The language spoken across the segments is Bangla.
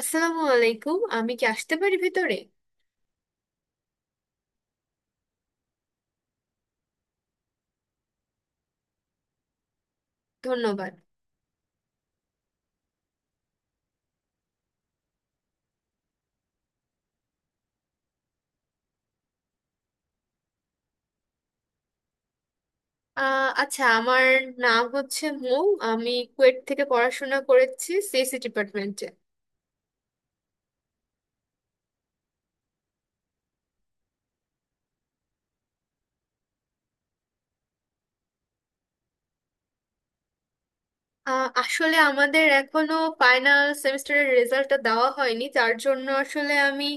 আসসালামু আলাইকুম, আমি কি আসতে পারি ভিতরে? ধন্যবাদ। আচ্ছা, আমার নাম হচ্ছে মৌ। আমি কুয়েট থেকে পড়াশোনা করেছি CSC ডিপার্টমেন্টে। আসলে আমাদের এখনো ফাইনাল সেমিস্টারের রেজাল্টটা দেওয়া হয়নি, যার জন্য আসলে আমি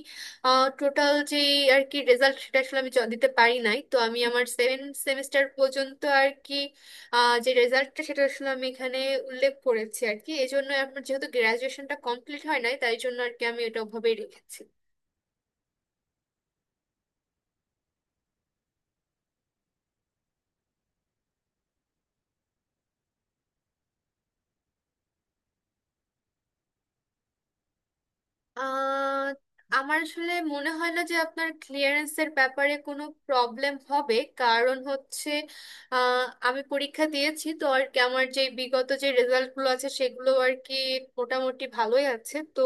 টোটাল যে আর কি রেজাল্ট সেটা আসলে আমি দিতে পারি নাই। তো আমি আমার 7 সেমিস্টার পর্যন্ত আর কি যে রেজাল্টটা সেটা আসলে আমি এখানে উল্লেখ করেছি আর কি। এই জন্য আমার যেহেতু গ্রাজুয়েশনটা কমপ্লিট হয় নাই, তাই জন্য আর কি আমি এটা ওভাবেই রেখেছি। আহ, আমার আসলে মনে হয় না যে আপনার ক্লিয়ারেন্সের ব্যাপারে কোনো প্রবলেম হবে, কারণ হচ্ছে আহ, আমি পরীক্ষা দিয়েছি তো আর কি। আমার যে বিগত যে রেজাল্টগুলো আছে সেগুলো আর কি মোটামুটি ভালোই আছে। তো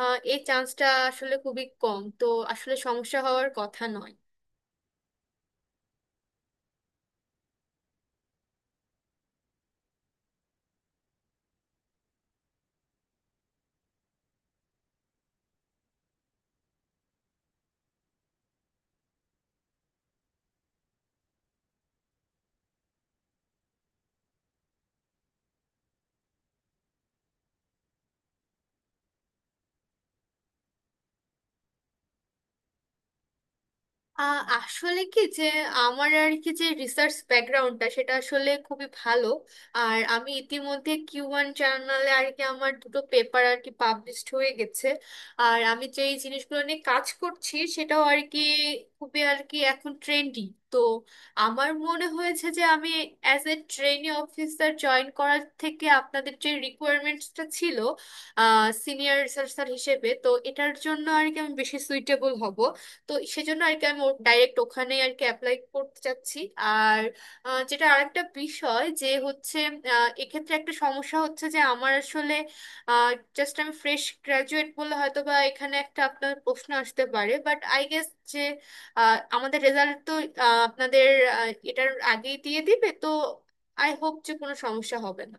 এই চান্সটা আসলে খুবই কম, তো আসলে সমস্যা হওয়ার কথা নয়। আসলে কি যে আমার আর কি যে রিসার্চ ব্যাকগ্রাউন্ডটা সেটা আসলে খুবই ভালো। আর আমি ইতিমধ্যে Q1 জার্নালে আর কি আমার দুটো পেপার আর কি পাবলিশড হয়ে গেছে। আর আমি যে এই জিনিসগুলো নিয়ে কাজ করছি সেটাও আর কি খুবই আর কি এখন ট্রেন্ডি। তো আমার মনে হয়েছে যে আমি as a trainee officer join করার থেকে আপনাদের যে রিকোয়ারমেন্টসটা ছিল সিনিয়র রিসার্চার হিসেবে, তো এটার জন্য আর কি আমি বেশি সুইটেবল হব। তো সেজন্য আর কি আমি ডাইরেক্ট ওখানে আর কি অ্যাপ্লাই করতে চাচ্ছি। আর যেটা আরেকটা বিষয় যে হচ্ছে এক্ষেত্রে একটা সমস্যা হচ্ছে যে আমার আসলে জাস্ট আমি ফ্রেশ গ্রাজুয়েট বললে হয়তো বা এখানে একটা আপনার প্রশ্ন আসতে পারে, বাট আই গেস যে আমাদের রেজাল্ট তো আপনাদের এটার আগেই দিয়ে দিবে। তো আই হোপ যে কোনো সমস্যা হবে না।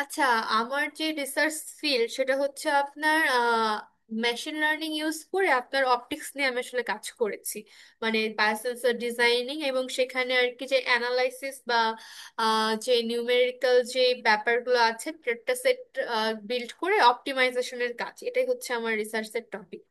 আচ্ছা, আমার যে রিসার্চ ফিল্ড সেটা হচ্ছে আপনার মেশিন লার্নিং ইউজ করে আপনার অপটিক্স নিয়ে আমি আসলে কাজ করেছি, মানে বায়োসেন্সর ডিজাইনিং। এবং সেখানে আর কি যে অ্যানালাইসিস বা যে নিউমেরিক্যাল যে ব্যাপারগুলো আছে, ডেটা সেট বিল্ড করে অপটিমাইজেশনের কাজ, এটাই হচ্ছে আমার রিসার্চের টপিক।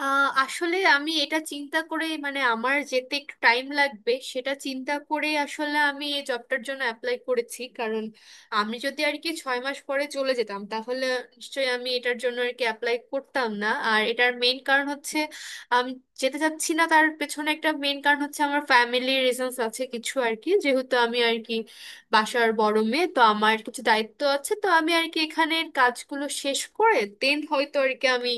আসলে আমি এটা চিন্তা করে, মানে আমার যেতে একটু টাইম লাগবে সেটা চিন্তা করে আসলে আমি এই জবটার জন্য অ্যাপ্লাই করেছি। কারণ আমি যদি আর কি 6 মাস পরে চলে যেতাম, তাহলে নিশ্চয়ই আমি এটার জন্য আর কি অ্যাপ্লাই করতাম না। আর এটার মেইন কারণ হচ্ছে আমি যেতে চাচ্ছি না, তার পেছনে একটা মেইন কারণ হচ্ছে আমার ফ্যামিলির রিজনস আছে কিছু আর কি। যেহেতু আমি আর কি বাসার বড় মেয়ে, তো আমার কিছু দায়িত্ব আছে। তো আমি আর কি এখানের কাজগুলো শেষ করে দেন হয়তো আর কি আমি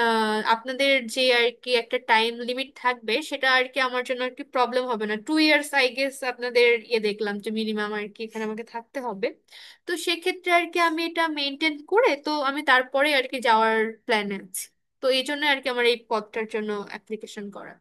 আপনাদের যে আর কি একটা টাইম লিমিট থাকবে সেটা আর কি আমার জন্য একটু প্রবলেম হবে না। 2 years আই গেস আপনাদের ইয়ে দেখলাম যে মিনিমাম আর কি এখানে আমাকে থাকতে হবে। তো সেক্ষেত্রে আর কি আমি এটা মেনটেন করে তো আমি তারপরে আর কি যাওয়ার প্ল্যান আছে। তো এই জন্য আর কি আমার এই পদটার জন্য অ্যাপ্লিকেশন করা।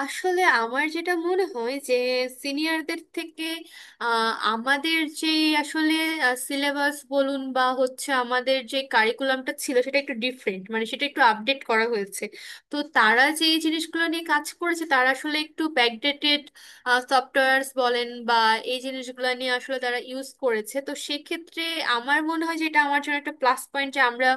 আসলে আমার যেটা মনে হয় যে সিনিয়রদের থেকে আমাদের যে আসলে সিলেবাস বলুন বা হচ্ছে আমাদের যে কারিকুলামটা ছিল সেটা একটু ডিফারেন্ট, মানে সেটা একটু আপডেট করা হয়েছে। তো তারা যে এই জিনিসগুলো নিয়ে কাজ করেছে তারা আসলে একটু ব্যাকডেটেড সফটওয়্যার্স বলেন বা এই জিনিসগুলো নিয়ে আসলে তারা ইউজ করেছে। তো সেক্ষেত্রে আমার মনে হয় যে এটা আমার জন্য একটা প্লাস পয়েন্ট যে আমরা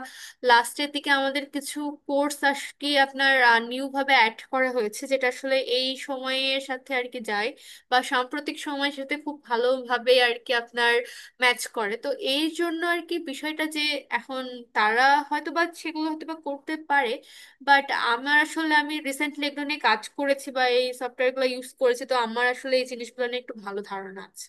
লাস্টের দিকে আমাদের কিছু কোর্স আর কি আপনার নিউ ভাবে অ্যাড করা হয়েছে, যেটা আসলে এই সময়ের সাথে আর কি যায় বা সাম্প্রতিক সময়ের সাথে খুব ভালোভাবে আর কি আপনার ম্যাচ করে। তো এই জন্য আর কি বিষয়টা যে এখন তারা হয়তো বা সেগুলো হয়তো বা করতে পারে, বাট আমার আসলে আমি রিসেন্টলি এগুলো নিয়ে কাজ করেছি বা এই সফটওয়্যারগুলো ইউজ করেছি, তো আমার আসলে এই জিনিসগুলো নিয়ে একটু ভালো ধারণা আছে।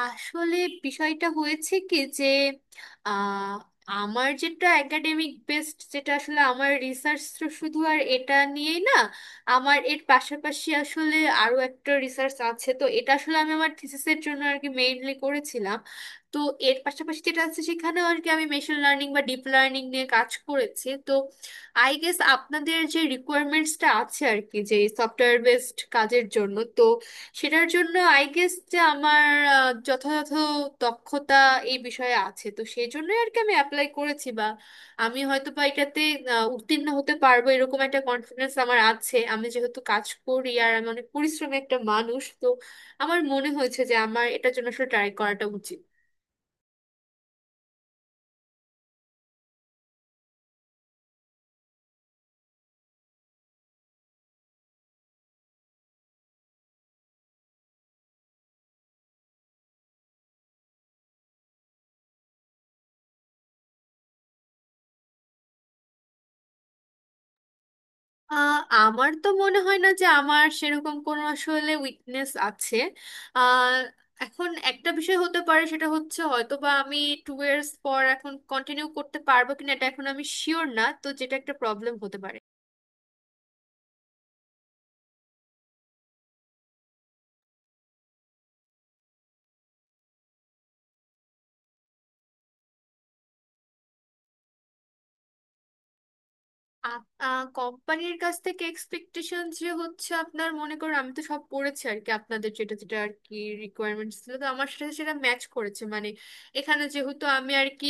আসলে বিষয়টা হয়েছে কি যে আহ, আমার যেটা একাডেমিক বেসড, যেটা আসলে আমার রিসার্চ তো শুধু আর এটা নিয়েই না, আমার এর পাশাপাশি আসলে আরো একটা রিসার্চ আছে। তো এটা আসলে আমি আমার থিসিসের জন্য আর কি মেইনলি করেছিলাম। তো এর পাশাপাশি যেটা আছে সেখানেও আর কি আমি মেশিন লার্নিং বা ডিপ লার্নিং নিয়ে কাজ করেছি। তো আই গেস আপনাদের যে রিকোয়ারমেন্টসটা আছে আর কি যে সফটওয়্যার বেসড কাজের জন্য, তো সেটার জন্য আই গেস যে আমার যথাযথ দক্ষতা এই বিষয়ে আছে। তো সেই জন্যই আর কি আমি অ্যাপ্লাই করেছি, বা আমি হয়তো বা এটাতে উত্তীর্ণ হতে পারবো এরকম একটা কনফিডেন্স আমার আছে। আমি যেহেতু কাজ করি আর আমি অনেক পরিশ্রমী একটা মানুষ, তো আমার মনে হয়েছে যে আমার এটার জন্য আসলে ট্রাই করাটা উচিত। আমার তো মনে হয় না যে আমার সেরকম কোনো আসলে উইকনেস আছে। আহ, এখন একটা বিষয় হতে পারে, সেটা হচ্ছে হয়তো বা আমি 2 years পর এখন কন্টিনিউ করতে পারবো কিনা এটা এখন আমি শিওর না, তো যেটা একটা প্রবলেম হতে পারে। কোম্পানির কাছ থেকে এক্সপেকটেশন যে হচ্ছে আপনার মনে করুন আমি তো সব পড়েছি আর কি, আপনাদের যেটা যেটা আর কি রিকোয়ারমেন্টস ছিল তো আমার সাথে সেটা ম্যাচ করেছে। মানে এখানে যেহেতু আমি আর কি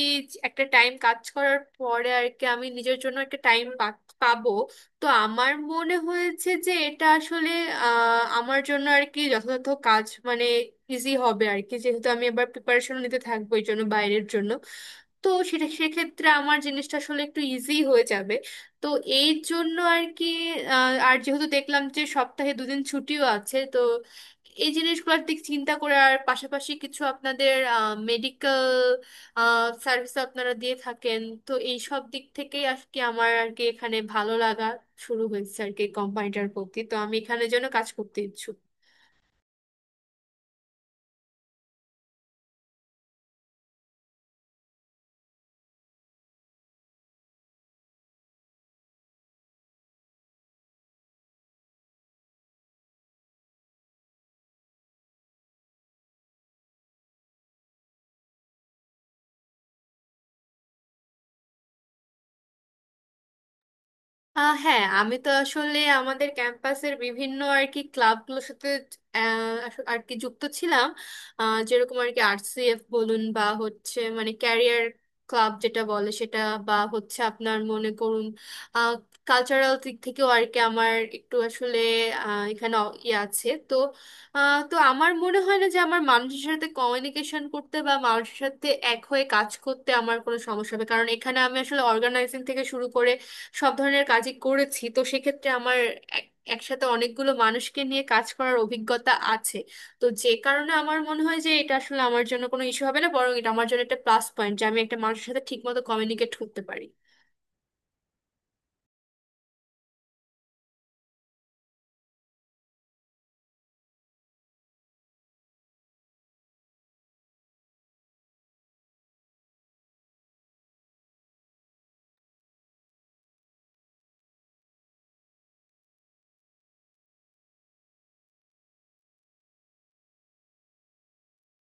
একটা টাইম কাজ করার পরে আর কি আমি নিজের জন্য একটা টাইম পাবো। তো আমার মনে হয়েছে যে এটা আসলে আমার জন্য আর কি যথাযথ কাজ, মানে ইজি হবে আর কি। যেহেতু আমি এবার প্রিপারেশন নিতে থাকবো এই জন্য বাইরের জন্য, তো সেটা সেক্ষেত্রে আমার জিনিসটা আসলে একটু ইজি হয়ে যাবে। তো এই জন্য আর কি আর যেহেতু দেখলাম যে সপ্তাহে দুদিন ছুটিও আছে, তো এই জিনিসগুলোর দিক চিন্তা করে আর পাশাপাশি কিছু আপনাদের মেডিকেল সার্ভিস আপনারা দিয়ে থাকেন, তো এই সব দিক থেকেই আর কি আমার আর কি এখানে ভালো লাগা শুরু হয়েছে আর কি কোম্পানিটার প্রতি। তো আমি এখানে যেন কাজ করতে ইচ্ছুক। হ্যাঁ, আমি তো আসলে আমাদের ক্যাম্পাসের বিভিন্ন আর কি ক্লাবগুলোর সাথে আর কি যুক্ত ছিলাম। যেরকম আর কি RCF বলুন বা হচ্ছে মানে ক্যারিয়ার ক্লাব যেটা বলে সেটা, বা হচ্ছে আপনার মনে করুন কালচারাল দিক থেকেও আর কি আমার একটু আসলে এখানে ইয়ে আছে। তো তো আমার মনে হয় না যে আমার মানুষের সাথে কমিউনিকেশন করতে বা মানুষের সাথে এক হয়ে কাজ করতে আমার কোনো সমস্যা হবে। কারণ এখানে আমি আসলে অর্গানাইজিং থেকে শুরু করে সব ধরনের কাজই করেছি, তো সেক্ষেত্রে আমার এক- একসাথে অনেকগুলো মানুষকে নিয়ে কাজ করার অভিজ্ঞতা আছে। তো যে কারণে আমার মনে হয় যে এটা আসলে আমার জন্য কোনো ইস্যু হবে না, বরং এটা আমার জন্য একটা প্লাস পয়েন্ট যে আমি একটা মানুষের সাথে ঠিকমতো কমিউনিকেট করতে পারি।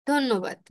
ধন্যবাদ।